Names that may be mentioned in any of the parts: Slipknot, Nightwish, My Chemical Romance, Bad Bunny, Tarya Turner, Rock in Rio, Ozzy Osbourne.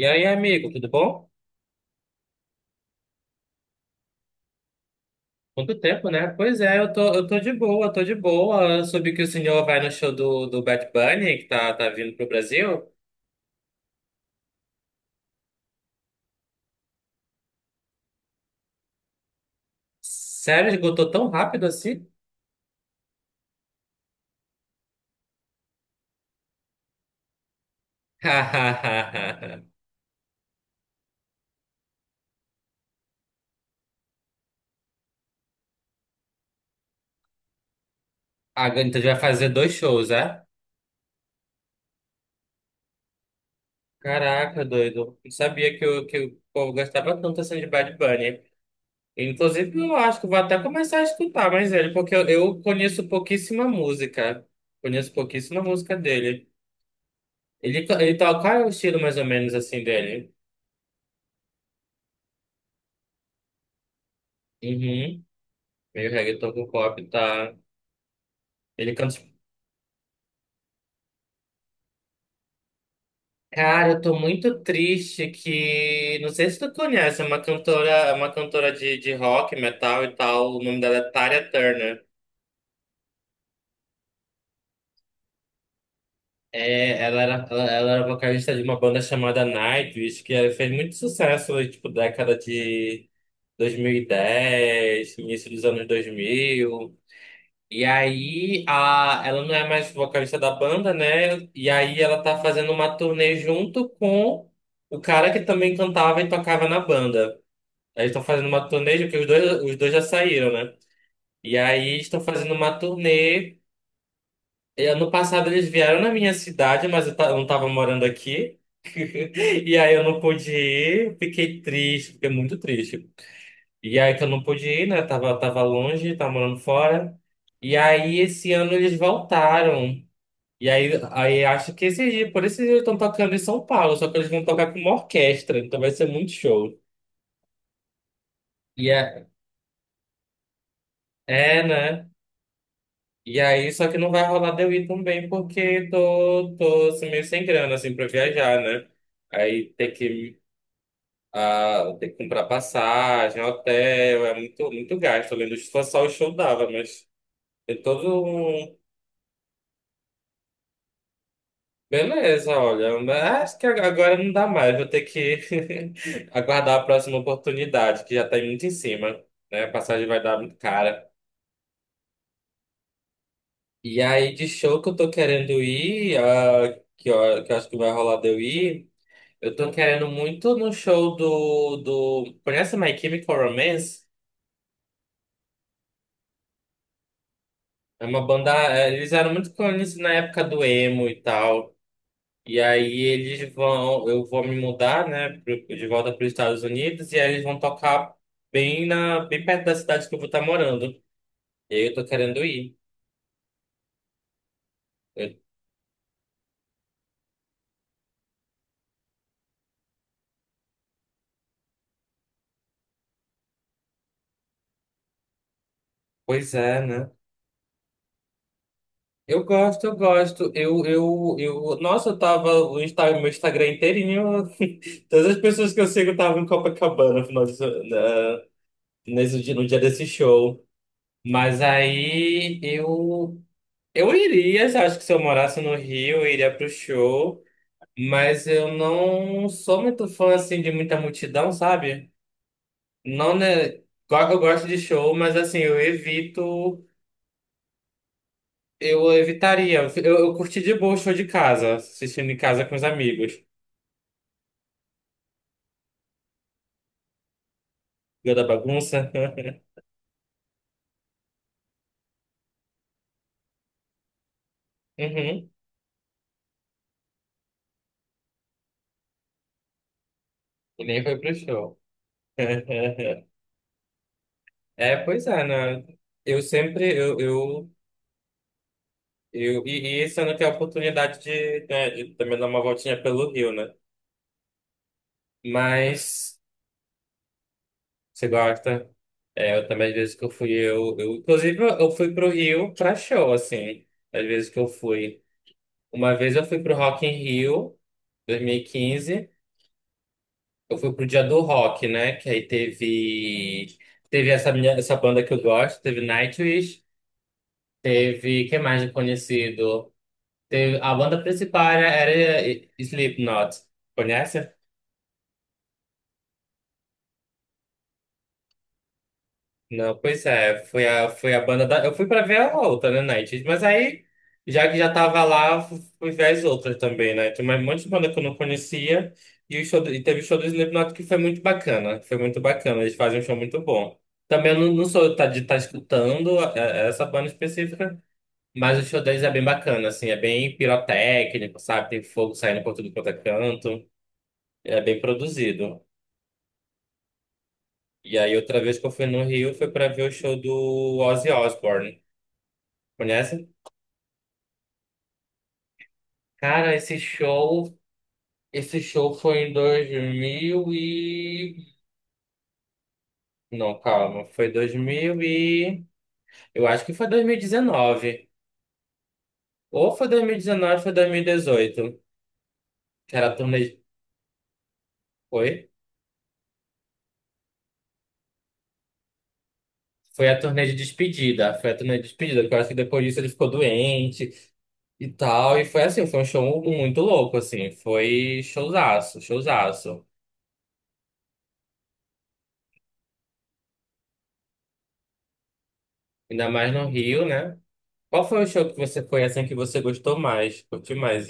E aí, amigo, tudo bom? Quanto tempo, né? Pois é, eu tô de boa, tô de boa. Eu soube que o senhor vai no show do Bad Bunny, que tá vindo pro Brasil. Sério, esgotou tão rápido assim? Hahaha. Então já vai fazer dois shows, é? Caraca, doido. Não sabia que o povo gostava tanto assim de Bad Bunny. Inclusive, eu acho que vou até começar a escutar mais ele, porque eu conheço pouquíssima música. Conheço pouquíssima música dele. Ele, ele toca, qual é o estilo mais ou menos assim dele? Uhum. Meio reggaeton com pop, tá? Ele canta, assim, cara, eu tô muito triste que. Não sei se tu conhece, é uma cantora de rock, metal e tal. O nome dela é Tarya Turner. É, ela era vocalista de uma banda chamada Nightwish, que fez muito sucesso, tipo, década de dois mil e dez, início dos anos dois mil. E aí, ela não é mais vocalista da banda, né? E aí ela tá fazendo uma turnê junto com o cara que também cantava e tocava na banda. Aí estão fazendo uma turnê, porque os dois já saíram, né? E aí estão fazendo uma turnê. E ano passado eles vieram na minha cidade, mas eu não tava morando aqui. E aí eu não pude ir, fiquei triste, fiquei muito triste. E aí que eu não pude ir, né? Tava longe, tava morando fora. E aí esse ano eles voltaram. E aí acho que esse dia, por esse dia eles estão tocando em São Paulo, só que eles vão tocar com uma orquestra, então vai ser muito show. E é, é, né? E aí, só que não vai rolar de eu ir também, porque tô assim, meio sem grana, assim, pra viajar, né? Aí tem que comprar passagem, hotel, é muito, muito gasto. Além do que só o show dava, mas tem todo um... Beleza, olha, mas acho que agora não dá mais, vou ter que aguardar a próxima oportunidade, que já tá muito em cima, né? A passagem vai dar muito cara. E aí, de show que eu tô querendo ir, que eu acho que vai rolar de eu ir, eu tô querendo muito no show do... Conhece My Chemical Romance? É uma banda, eles eram muito conhecidos na época do emo e tal. E aí eles vão, eu vou me mudar, né, de volta para os Estados Unidos, e aí eles vão tocar bem perto da cidade que eu vou estar morando. E aí eu tô querendo ir. Eu- Pois é, né? Eu gosto, eu gosto. Nossa, eu tava o meu Instagram inteirinho. Todas as pessoas que eu sigo estavam em Copacabana no na- nesse dia, no dia desse show. Mas eu iria, acho que se eu morasse no Rio, eu iria pro show. Mas eu não sou muito fã, assim, de muita multidão, sabe? Não, né? Claro que eu gosto de show, mas, assim, eu evito... Eu evitaria. Eu curti de boa o show de casa, assistindo em casa com os amigos. Viu da bagunça? Uhum. E nem foi pro show. É, pois é, né? Eu sempre... e esse ano eu tenho a oportunidade de, né, de também dar uma voltinha pelo Rio, né? Mas... Você gosta? É, eu também, às vezes que eu fui, eu inclusive, eu fui pro Rio pra show, assim, às vezes que eu fui. Uma vez eu fui pro Rock in Rio, 2015, eu fui pro Dia do Rock, né, que aí teve, teve essa banda que eu gosto, teve Nightwish, teve, quem mais de conhecido? Teve, a banda principal era Slipknot, conhece? Não, pois é, foi a banda da. Eu fui pra ver a outra, né, Night? Mas aí, já que já tava lá, fui ver as outras também, né? Tem mais um monte de banda que eu não conhecia e, e teve o show do Slipknot que foi muito bacana. Foi muito bacana, eles fazem um show muito bom. Também eu não, não sou tá, de estar escutando essa banda específica, mas o show deles é bem bacana, assim, é bem pirotécnico, sabe? Tem fogo saindo por tudo quanto é canto, é bem produzido. E aí, outra vez que eu fui no Rio foi pra ver o show do Ozzy Osbourne. Conhece? Cara, esse show foi em 2000 e... Não, calma, foi 2000 e... Eu acho que foi 2019. Ou foi 2019, ou foi dois mil e dezoito. Que era a turnê... Foi? Foi a turnê de despedida. Foi a turnê de despedida, porque eu acho que depois disso ele ficou doente e tal. E foi assim, foi um show muito louco, assim. Foi showzaço, showzaço. Ainda mais no Rio, né? Qual foi o show que você foi, assim, que você gostou mais? Curtiu mais?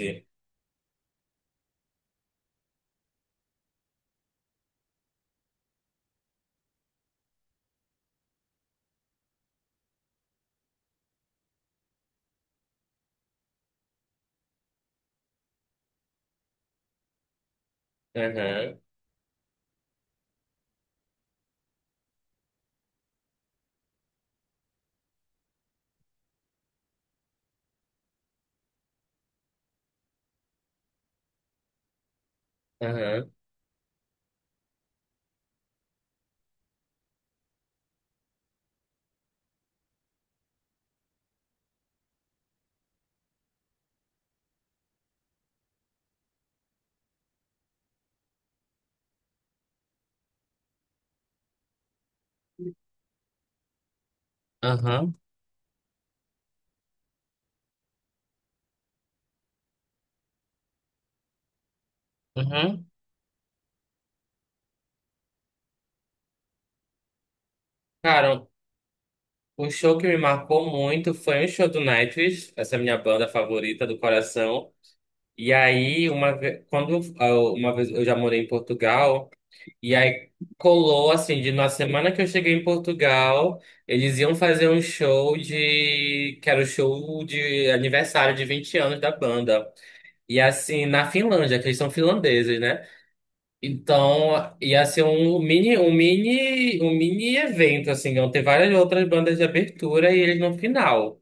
Aham, aham, aham, aham. Cara, um show que me marcou muito foi um show do Nightwish, essa minha banda favorita do coração. E aí, uma vez, uma vez eu já morei em Portugal, e aí colou assim, de na semana que eu cheguei em Portugal, eles iam fazer um show de, que era o show de aniversário de 20 anos da banda. E assim, na Finlândia, que eles são finlandeses, né? Então, ia ser um mini evento, assim, vão ter várias outras bandas de abertura e eles no final.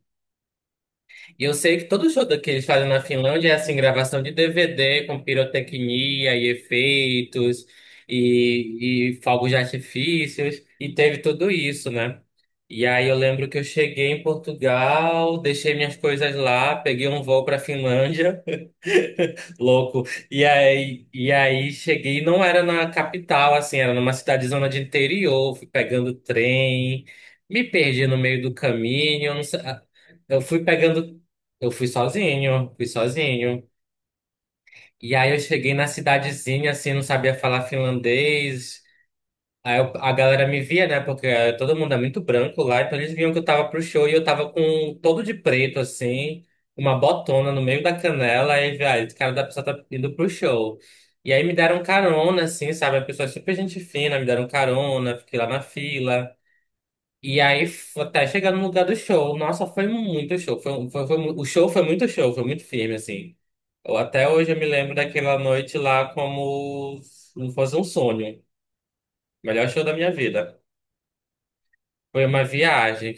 E eu sei que todo show que eles fazem na Finlândia é assim, gravação de DVD com pirotecnia e efeitos e fogos de artifícios, e teve tudo isso, né? E aí eu lembro que eu cheguei em Portugal, deixei minhas coisas lá, peguei um voo para Finlândia. Louco. E aí cheguei, não era na capital, assim, era numa cidade zona de interior, fui pegando trem, me perdi no meio do caminho, eu não sei- ah, eu fui pegando, eu fui sozinho, fui sozinho. E aí eu cheguei na cidadezinha, assim, não sabia falar finlandês. A galera me via, né? Porque todo mundo é muito branco lá, então eles viam que eu tava pro show e eu tava com um todo de preto, assim, uma botona no meio da canela, e velho, esse cara da pessoa tá indo pro show. E aí me deram carona, assim, sabe? A pessoa é super gente fina, me deram carona, fiquei lá na fila. E aí, até chegar no lugar do show, nossa, foi muito show. Foi, um- foi, foi mu- O show, foi muito firme, assim. Eu, até hoje eu me lembro daquela noite lá como se fosse um sonho. Melhor show da minha vida. Foi uma viagem.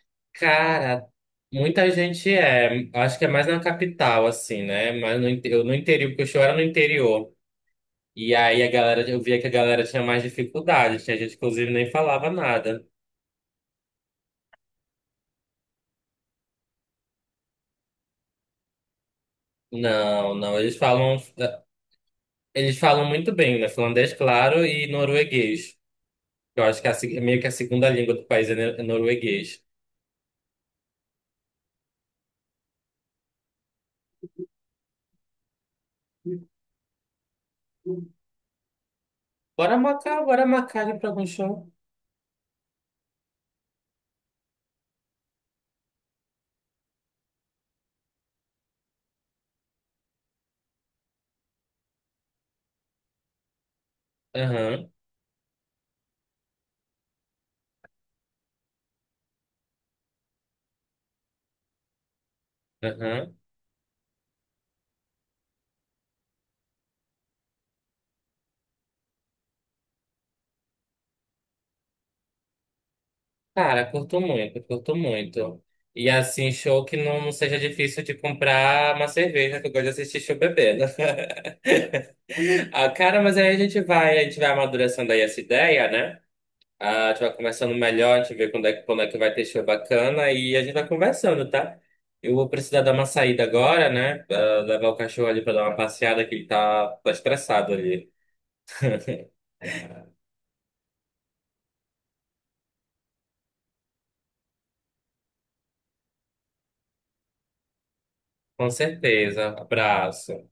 Cara, muita gente é. Acho que é mais na capital, assim, né? Mas no, inte- eu no interior, porque o show era no interior. E aí a galera, eu via que a galera tinha mais dificuldade. Tinha gente que, inclusive, nem falava nada. Não, não. Eles falam muito bem, né? Finlandês, claro, e norueguês. Eu acho que é a meio que a segunda língua do país é é norueguês. Bora marcar ir pra algum show. Aham, aham. Cara, curto muito, curto muito. E assim, show que não seja difícil de comprar uma cerveja, que eu gosto de assistir show bebendo. Ah, cara, mas aí a gente vai amadurecendo aí essa ideia, né? Ah, a gente vai conversando melhor, a gente vê quando é, quando é que vai ter show bacana e a gente vai conversando, tá? Eu vou precisar dar uma saída agora, né? Ah, levar o cachorro ali pra dar uma passeada, que ele tá estressado ali. Com certeza. Abraço.